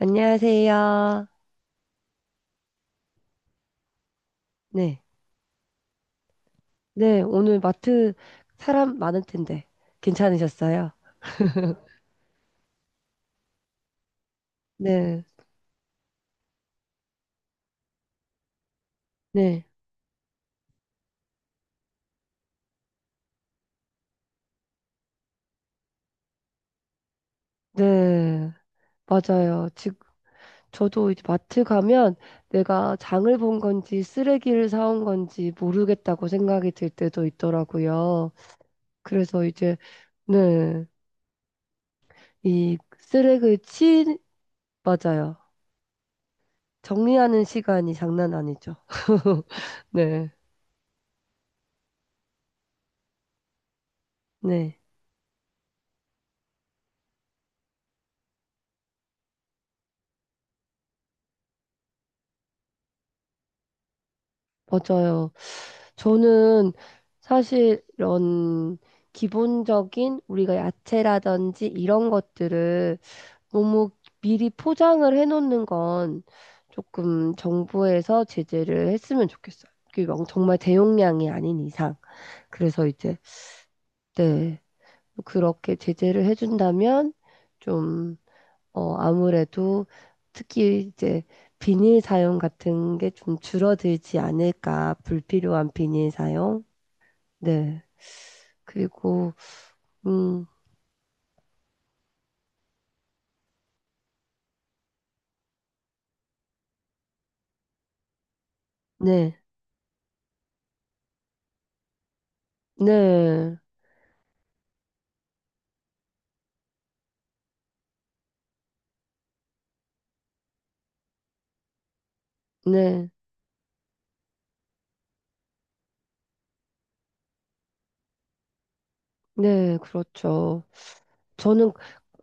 안녕하세요. 네. 네, 오늘 마트 사람 많을 텐데 괜찮으셨어요? 네. 네. 네. 맞아요. 지금 저도 이제 마트 가면 내가 장을 본 건지 쓰레기를 사온 건지 모르겠다고 생각이 들 때도 있더라고요. 그래서 이제 네. 이 쓰레기 치 맞아요. 정리하는 시간이 장난 아니죠. 네. 네. 맞아요. 저는 사실 이런 기본적인 우리가 야채라든지 이런 것들을 너무 미리 포장을 해놓는 건 조금 정부에서 제재를 했으면 좋겠어요. 그게 막 정말 대용량이 아닌 이상. 그래서 이제, 네, 그렇게 제재를 해준다면 좀 아무래도 특히 이제 비닐 사용 같은 게 좀 줄어들지 않을까. 불필요한 비닐 사용. 네. 그리고, 음, 네. 네. 네. 네. 그렇죠. 저는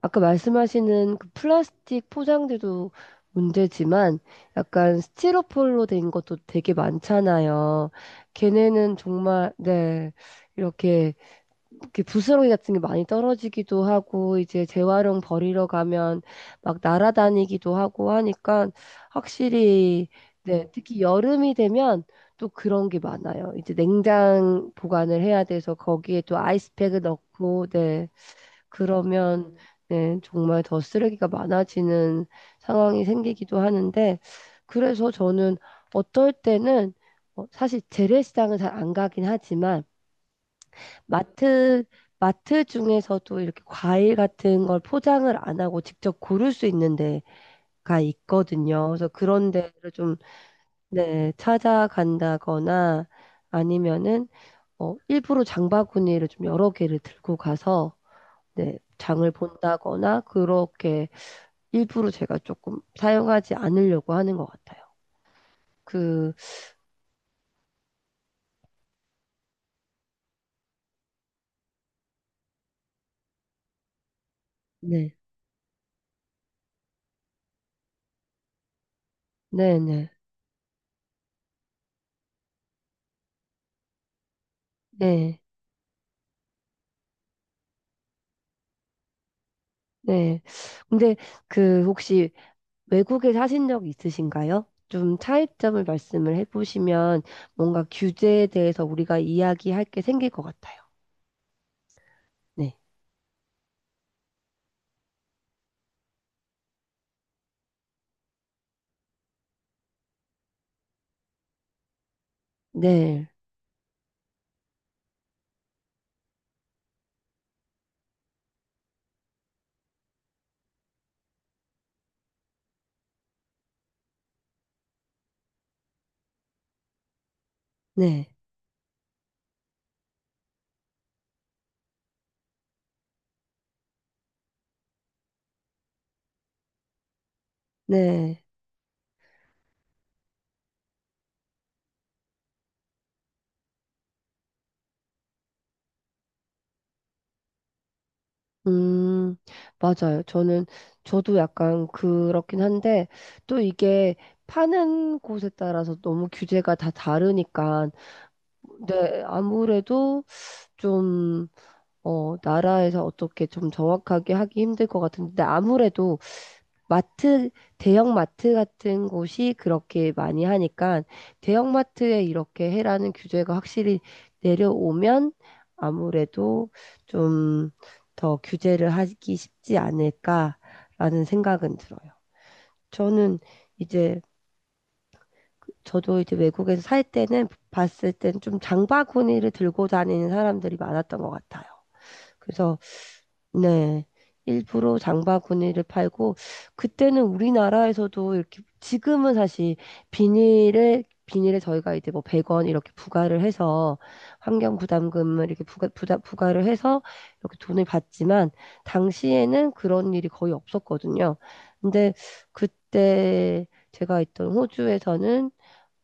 아까 말씀하시는 그 플라스틱 포장들도 문제지만 약간 스티로폴로 된 것도 되게 많잖아요. 걔네는 정말, 네. 이렇게 그 부스러기 같은 게 많이 떨어지기도 하고 이제 재활용 버리러 가면 막 날아다니기도 하고 하니까 확실히 네, 특히 여름이 되면 또 그런 게 많아요. 이제 냉장 보관을 해야 돼서 거기에 또 아이스팩을 넣고 네, 그러면 네, 정말 더 쓰레기가 많아지는 상황이 생기기도 하는데 그래서 저는 어떨 때는 사실 재래시장은 잘 안 가긴 하지만 마트, 마트 중에서도 이렇게 과일 같은 걸 포장을 안 하고 직접 고를 수 있는 데가 있거든요. 그래서 그런 데를 좀, 네, 찾아간다거나 아니면은, 일부러 장바구니를 좀 여러 개를 들고 가서, 네, 장을 본다거나 그렇게 일부러 제가 조금 사용하지 않으려고 하는 것 같아요. 그, 네, 네, 네, 네, 네. 근데 그 혹시 외국에 사신 적 있으신가요? 좀 차이점을 말씀을 해보시면 뭔가 규제에 대해서 우리가 이야기할 게 생길 것 같아요. 네. 네. 네. 네. 음, 맞아요. 저도 약간 그렇긴 한데 또 이게 파는 곳에 따라서 너무 규제가 다 다르니까 네, 아무래도 좀, 나라에서 어떻게 좀 정확하게 하기 힘들 것 같은데 아무래도 마트, 대형마트 같은 곳이 그렇게 많이 하니까 대형마트에 이렇게 해라는 규제가 확실히 내려오면 아무래도 좀 더 규제를 하기 쉽지 않을까라는 생각은 들어요. 저는 이제 저도 이제 외국에서 살 때는 봤을 때는 좀 장바구니를 들고 다니는 사람들이 많았던 것 같아요. 그래서 네. 일부러 장바구니를 팔고 그때는 우리나라에서도 이렇게 지금은 사실 비닐에 저희가 이제 뭐 100원 이렇게 부과를 해서 환경 부담금을 이렇게 부과를 해서 이렇게 돈을 받지만 당시에는 그런 일이 거의 없었거든요. 근데 그때 제가 있던 호주에서는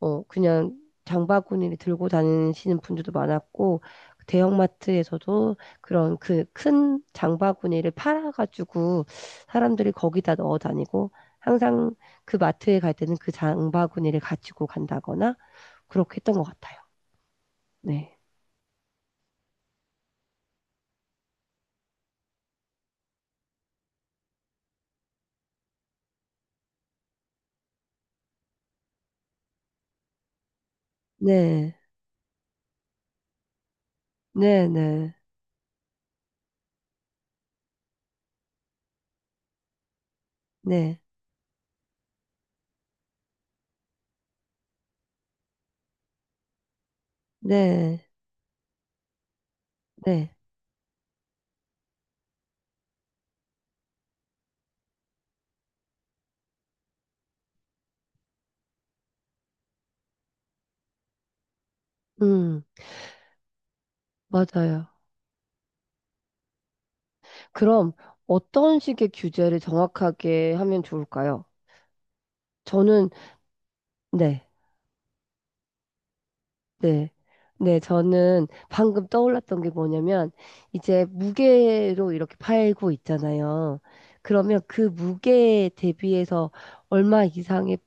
그냥 장바구니를 들고 다니시는 분들도 많았고, 대형마트에서도 그런 그 큰 장바구니를 팔아가지고 사람들이 거기다 넣어 다니고, 항상 그 마트에 갈 때는 그 장바구니를 가지고 간다거나, 그렇게 했던 것 같아요. 네. 네. 네, 네, 네, 네, 네. 음, 맞아요. 그럼 어떤 식의 규제를 정확하게 하면 좋을까요? 저는, 네. 네. 네, 저는 방금 떠올랐던 게 뭐냐면, 이제 무게로 이렇게 팔고 있잖아요. 그러면 그 무게에 대비해서 얼마 이상의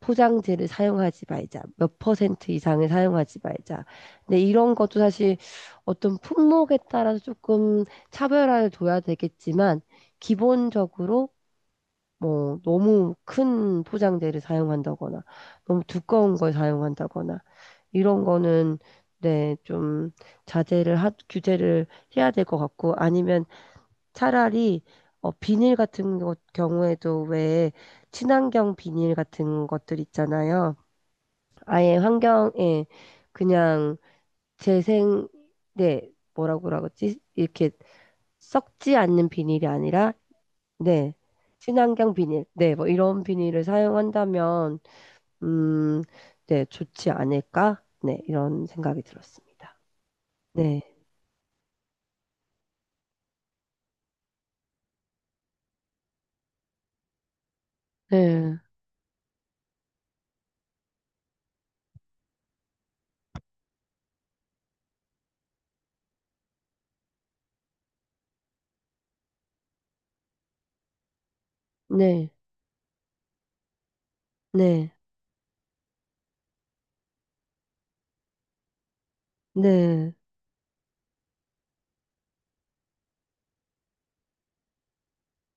포장재를 사용하지 말자. 몇 퍼센트 이상을 사용하지 말자. 근데 이런 것도 사실 어떤 품목에 따라서 조금 차별화를 둬야 되겠지만, 기본적으로 뭐 너무 큰 포장재를 사용한다거나 너무 두꺼운 걸 사용한다거나 이런 거는 네, 좀 규제를 해야 될 것 같고 아니면 차라리 비닐 같은 것 경우에도 왜 친환경 비닐 같은 것들 있잖아요. 아예 환경에 그냥 재생 네, 뭐라고 그러지? 이렇게 썩지 않는 비닐이 아니라 네. 친환경 비닐. 네, 뭐 이런 비닐을 사용한다면, 음, 네, 좋지 않을까? 네, 이런 생각이 들었습니다. 네. 네. 네. 네. 네.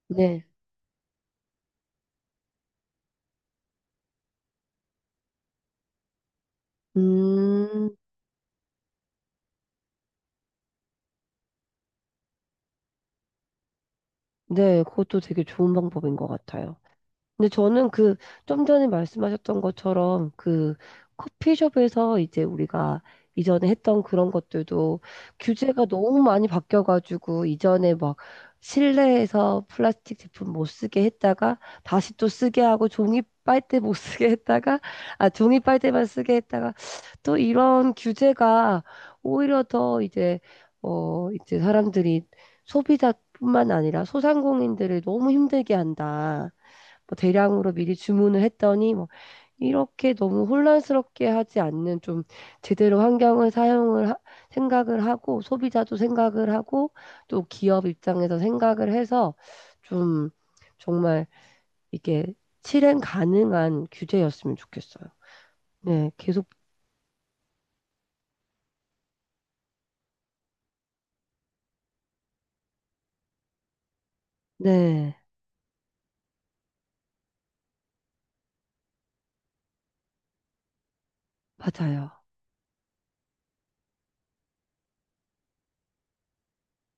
네. 음, 네. 그것도 되게 좋은 방법인 것 같아요. 근데 저는 그 좀 전에 말씀하셨던 것처럼 그 커피숍에서 이제 우리가 이전에 했던 그런 것들도 규제가 너무 많이 바뀌어가지고 이전에 막 실내에서 플라스틱 제품 못 쓰게 했다가 다시 또 쓰게 하고 종이 빨대 못 쓰게 했다가 아 종이 빨대만 쓰게 했다가 또 이런 규제가 오히려 더 이제 이제 사람들이 소비자뿐만 아니라 소상공인들을 너무 힘들게 한다. 뭐 대량으로 미리 주문을 했더니 뭐 이렇게 너무 혼란스럽게 하지 않는 좀 제대로 환경을 생각을 하고 소비자도 생각을 하고 또 기업 입장에서 생각을 해서 좀 정말 이게 실행 가능한 규제였으면 좋겠어요. 네, 계속 네, 맞아요.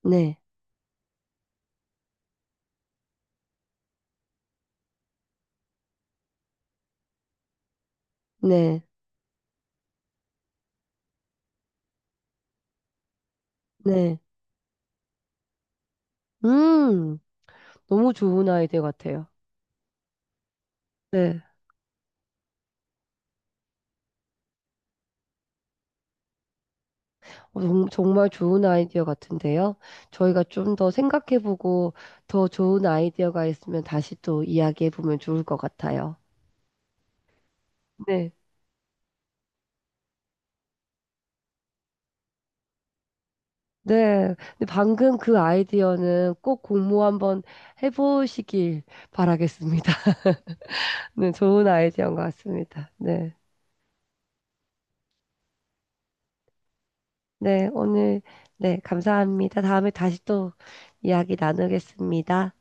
네, 네, 네. 음, 너무 좋은 아이디어 같아요. 네. 정말 좋은 아이디어 같은데요. 저희가 좀 더 생각해보고 더 좋은 아이디어가 있으면 다시 또 이야기해보면 좋을 것 같아요. 네. 네. 근데 방금 그 아이디어는 꼭 공모 한번 해보시길 바라겠습니다. 네, 좋은 아이디어인 것 같습니다. 네. 네. 오늘, 네. 감사합니다. 다음에 다시 또 이야기 나누겠습니다.